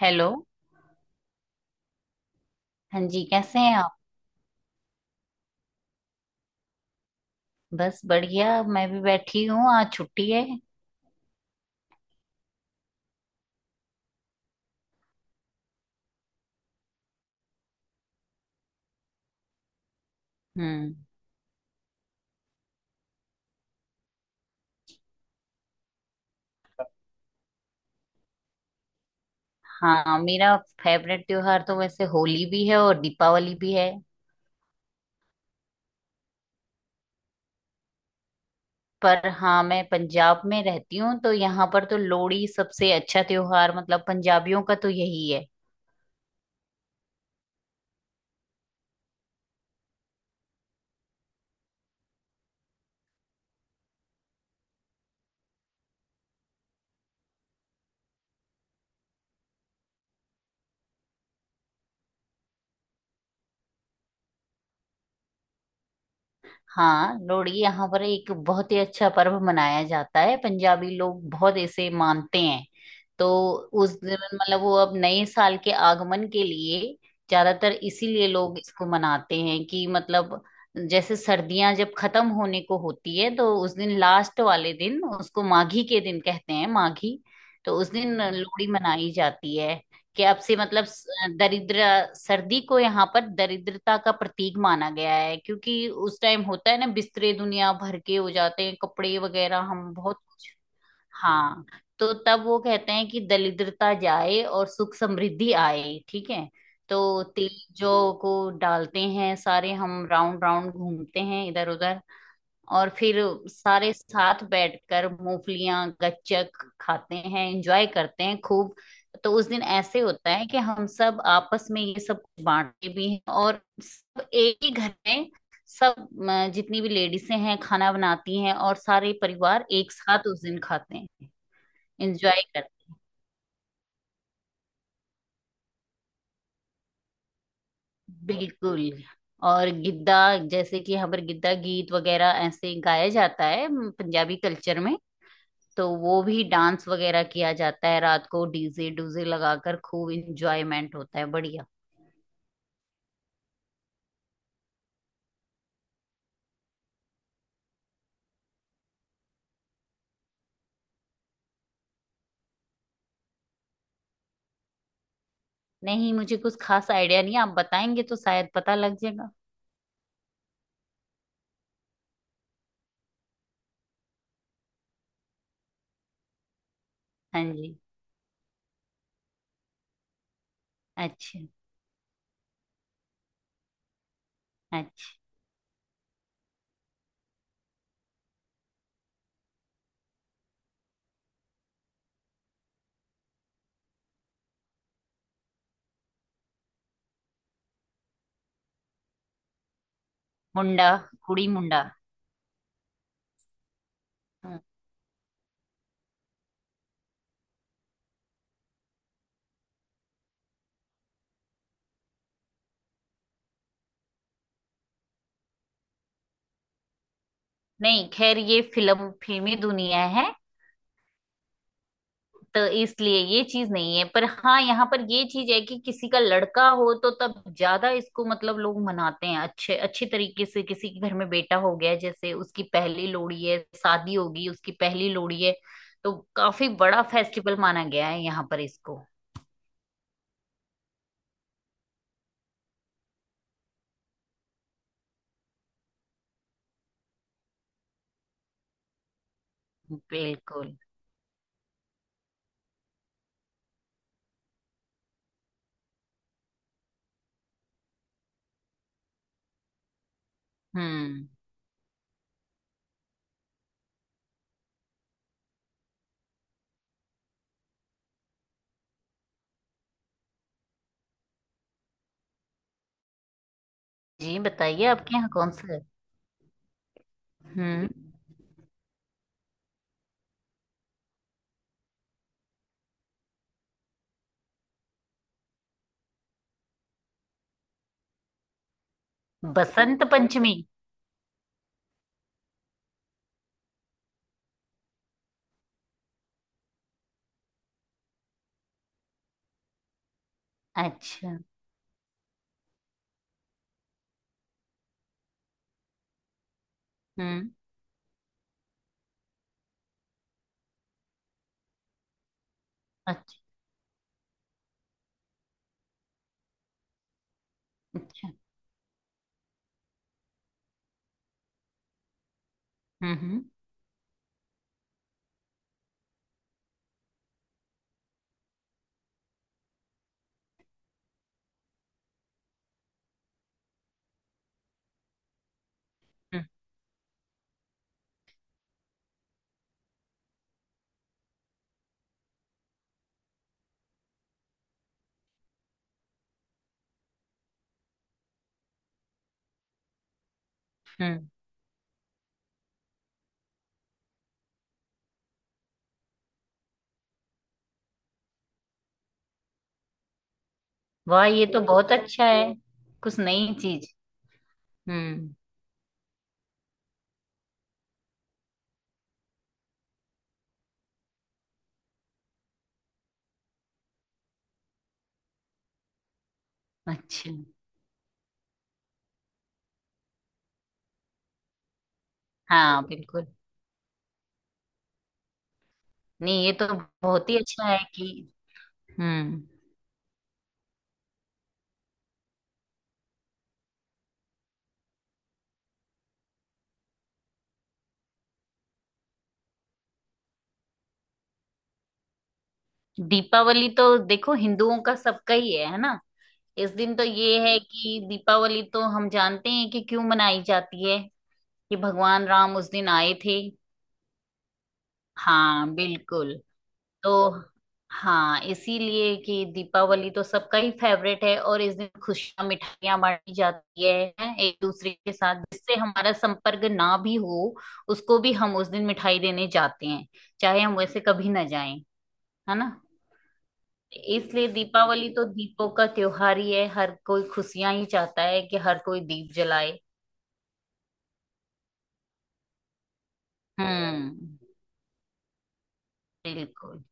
Hello. हाँ जी, कैसे हैं आप? बस बढ़िया, मैं भी बैठी हूँ, आज छुट्टी है। हम्म। हाँ, मेरा फेवरेट त्योहार तो वैसे होली भी है और दीपावली भी है। पर हाँ, मैं पंजाब में रहती हूँ तो यहाँ पर तो लोहड़ी सबसे अच्छा त्योहार, मतलब पंजाबियों का तो यही है। हाँ, लोहड़ी यहाँ पर एक बहुत ही अच्छा पर्व मनाया जाता है, पंजाबी लोग बहुत इसे मानते हैं। तो उस दिन मतलब वो अब नए साल के आगमन के लिए ज्यादातर इसीलिए लोग इसको मनाते हैं, कि मतलब जैसे सर्दियां जब खत्म होने को होती है तो उस दिन लास्ट वाले दिन उसको माघी के दिन कहते हैं, माघी। तो उस दिन लोहड़ी मनाई जाती है कि अब से मतलब दरिद्र सर्दी को यहाँ पर दरिद्रता का प्रतीक माना गया है, क्योंकि उस टाइम होता है ना, बिस्तरे दुनिया भर के हो जाते हैं, कपड़े वगैरह हम बहुत कुछ। हाँ। तो तब वो कहते हैं कि दरिद्रता जाए और सुख समृद्धि आए, ठीक है। तो तिल जौ को डालते हैं, सारे हम राउंड राउंड घूमते हैं इधर उधर, और फिर सारे साथ बैठकर मूंगफलियां गच्चक खाते हैं, एंजॉय करते हैं खूब। तो उस दिन ऐसे होता है कि हम सब आपस में ये सब कुछ बांटते भी हैं और सब एक ही घर में, सब जितनी भी लेडीसें हैं खाना बनाती हैं और सारे परिवार एक साथ उस दिन खाते हैं। एंजॉय करते हैं बिल्कुल। और गिद्दा, जैसे कि हमारे गिद्दा गीत वगैरह ऐसे गाया जाता है पंजाबी कल्चर में। तो वो भी डांस वगैरह किया जाता है, रात को डीजे डूजे लगाकर खूब इंजॉयमेंट होता है, बढ़िया। नहीं, मुझे कुछ खास आइडिया नहीं है, आप बताएंगे तो शायद पता लग जाएगा। हाँ जी। अच्छा अच्छा। मुंडा कुड़ी मुंडा। हम्म। नहीं, खैर ये फिल्म फिल्मी दुनिया है, तो इसलिए ये चीज नहीं है। पर हाँ, यहाँ पर ये चीज है कि किसी का लड़का हो तो तब ज्यादा इसको मतलब लोग मनाते हैं अच्छे अच्छे तरीके से। किसी के घर में बेटा हो गया, जैसे उसकी पहली लोहड़ी है, शादी होगी उसकी पहली लोहड़ी है, तो काफी बड़ा फेस्टिवल माना गया है यहाँ पर इसको। बिल्कुल। हम्म। जी, बताइए आपके यहाँ कौन सा है। हम्म। बसंत पंचमी। अच्छा। हम्म। अच्छा। अच्छा। हम्म। हम्म। हम्म। हम्म। वाह, ये तो बहुत अच्छा है। कुछ नई चीज। हम्म। अच्छा। हाँ बिल्कुल। नहीं, ये तो बहुत ही अच्छा है कि। हम्म। दीपावली तो देखो हिंदुओं का सबका ही है ना। इस दिन तो ये है कि दीपावली तो हम जानते हैं कि क्यों मनाई जाती है, कि भगवान राम उस दिन आए थे। हाँ बिल्कुल। तो हाँ, इसीलिए कि दीपावली तो सबका ही फेवरेट है, और इस दिन खुशियां मिठाइयां बांटी जाती है हैं, एक दूसरे के साथ। जिससे हमारा संपर्क ना भी हो, उसको भी हम उस दिन मिठाई देने जाते हैं, चाहे हम वैसे कभी ना जाएं, है ना। इसलिए दीपावली तो दीपों का त्योहार ही है, हर कोई खुशियां ही चाहता है कि हर कोई दीप जलाए। हम्म, बिल्कुल।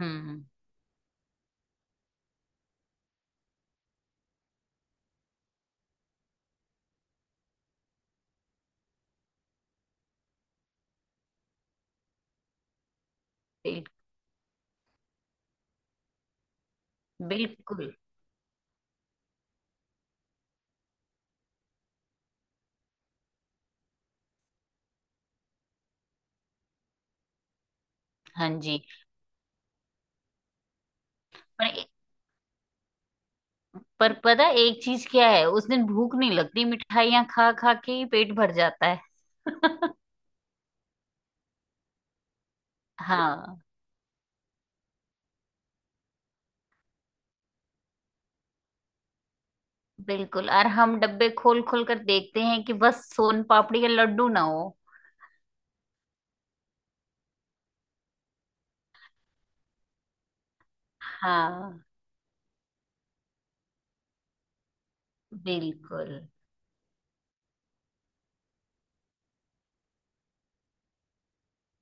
हम्म। बिल- बिल्कुल। हाँ जी। पर पर पता है एक चीज क्या है, उस दिन भूख नहीं लगती, मिठाइयाँ खा खा के ही पेट भर जाता है। हाँ बिल्कुल। और हम डब्बे खोल खोल कर देखते हैं कि बस सोन पापड़ी या लड्डू ना हो। हाँ। बिल्कुल।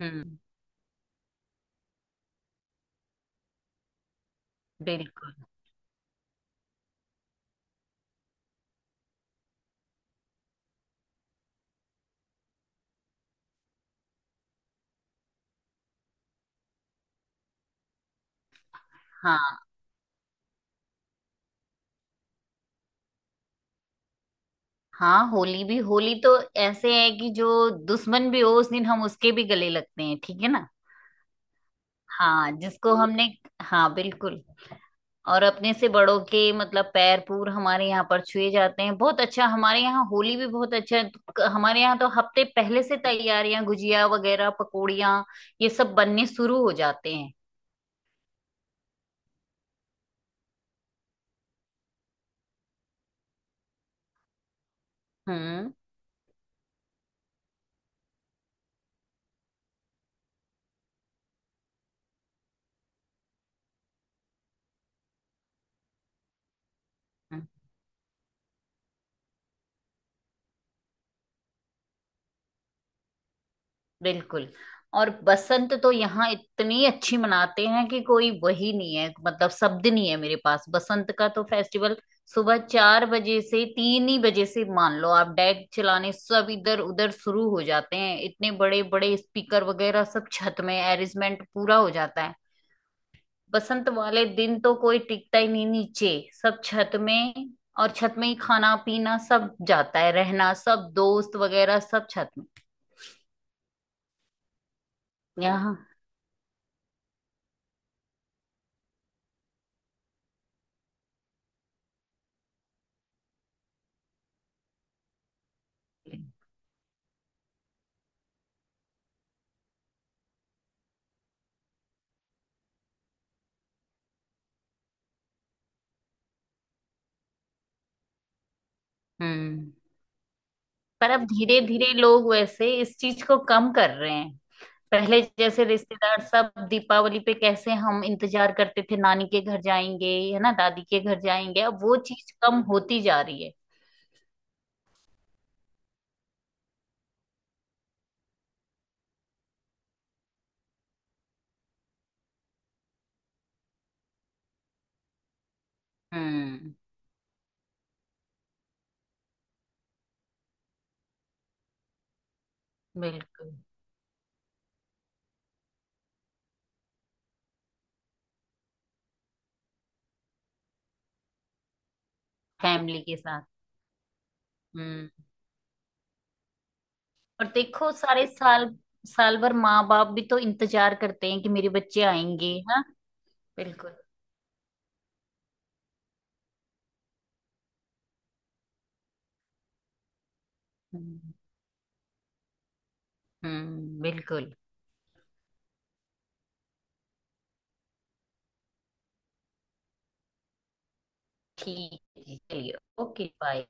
हम्म। बिल्कुल। हाँ। हाँ, होली भी, होली तो ऐसे है कि जो दुश्मन भी हो उस दिन हम उसके भी गले लगते हैं, ठीक है ना। हाँ, जिसको हमने। हाँ बिल्कुल। और अपने से बड़ों के मतलब पैर पूर हमारे यहाँ पर छुए जाते हैं। बहुत अच्छा, हमारे यहाँ होली भी बहुत अच्छा है। हमारे यहाँ तो हफ्ते पहले से तैयारियां, गुजिया वगैरह, पकौड़ियाँ, ये सब बनने शुरू हो जाते हैं। हम्म। हम्म। बिल्कुल। और बसंत तो यहाँ इतनी अच्छी मनाते हैं कि कोई, वही नहीं है, मतलब शब्द नहीं है मेरे पास बसंत का। तो फेस्टिवल सुबह 4 बजे से, 3 ही बजे से मान लो, आप डेक चलाने सब इधर उधर शुरू हो जाते हैं, इतने बड़े बड़े स्पीकर वगैरह सब छत में, अरेंजमेंट पूरा हो जाता है। बसंत वाले दिन तो कोई टिकता ही नहीं नीचे, सब छत में। और छत में ही खाना पीना सब जाता है, रहना सब दोस्त वगैरह सब छत में। यहाँ। हम्म। पर अब धीरे धीरे लोग वैसे इस चीज को कम कर रहे हैं। पहले जैसे रिश्तेदार सब दीपावली पे कैसे हम इंतजार करते थे नानी के घर जाएंगे, है ना, दादी के घर जाएंगे, अब वो चीज कम होती जा रही है। हम्म। बिल्कुल। फैमिली के साथ। हम्म। और देखो सारे साल, साल भर माँ बाप भी तो इंतजार करते हैं कि मेरे बच्चे आएंगे। हाँ बिल्कुल। हम्म। बिल्कुल। ठीक है जी, चलिए। Okay bye.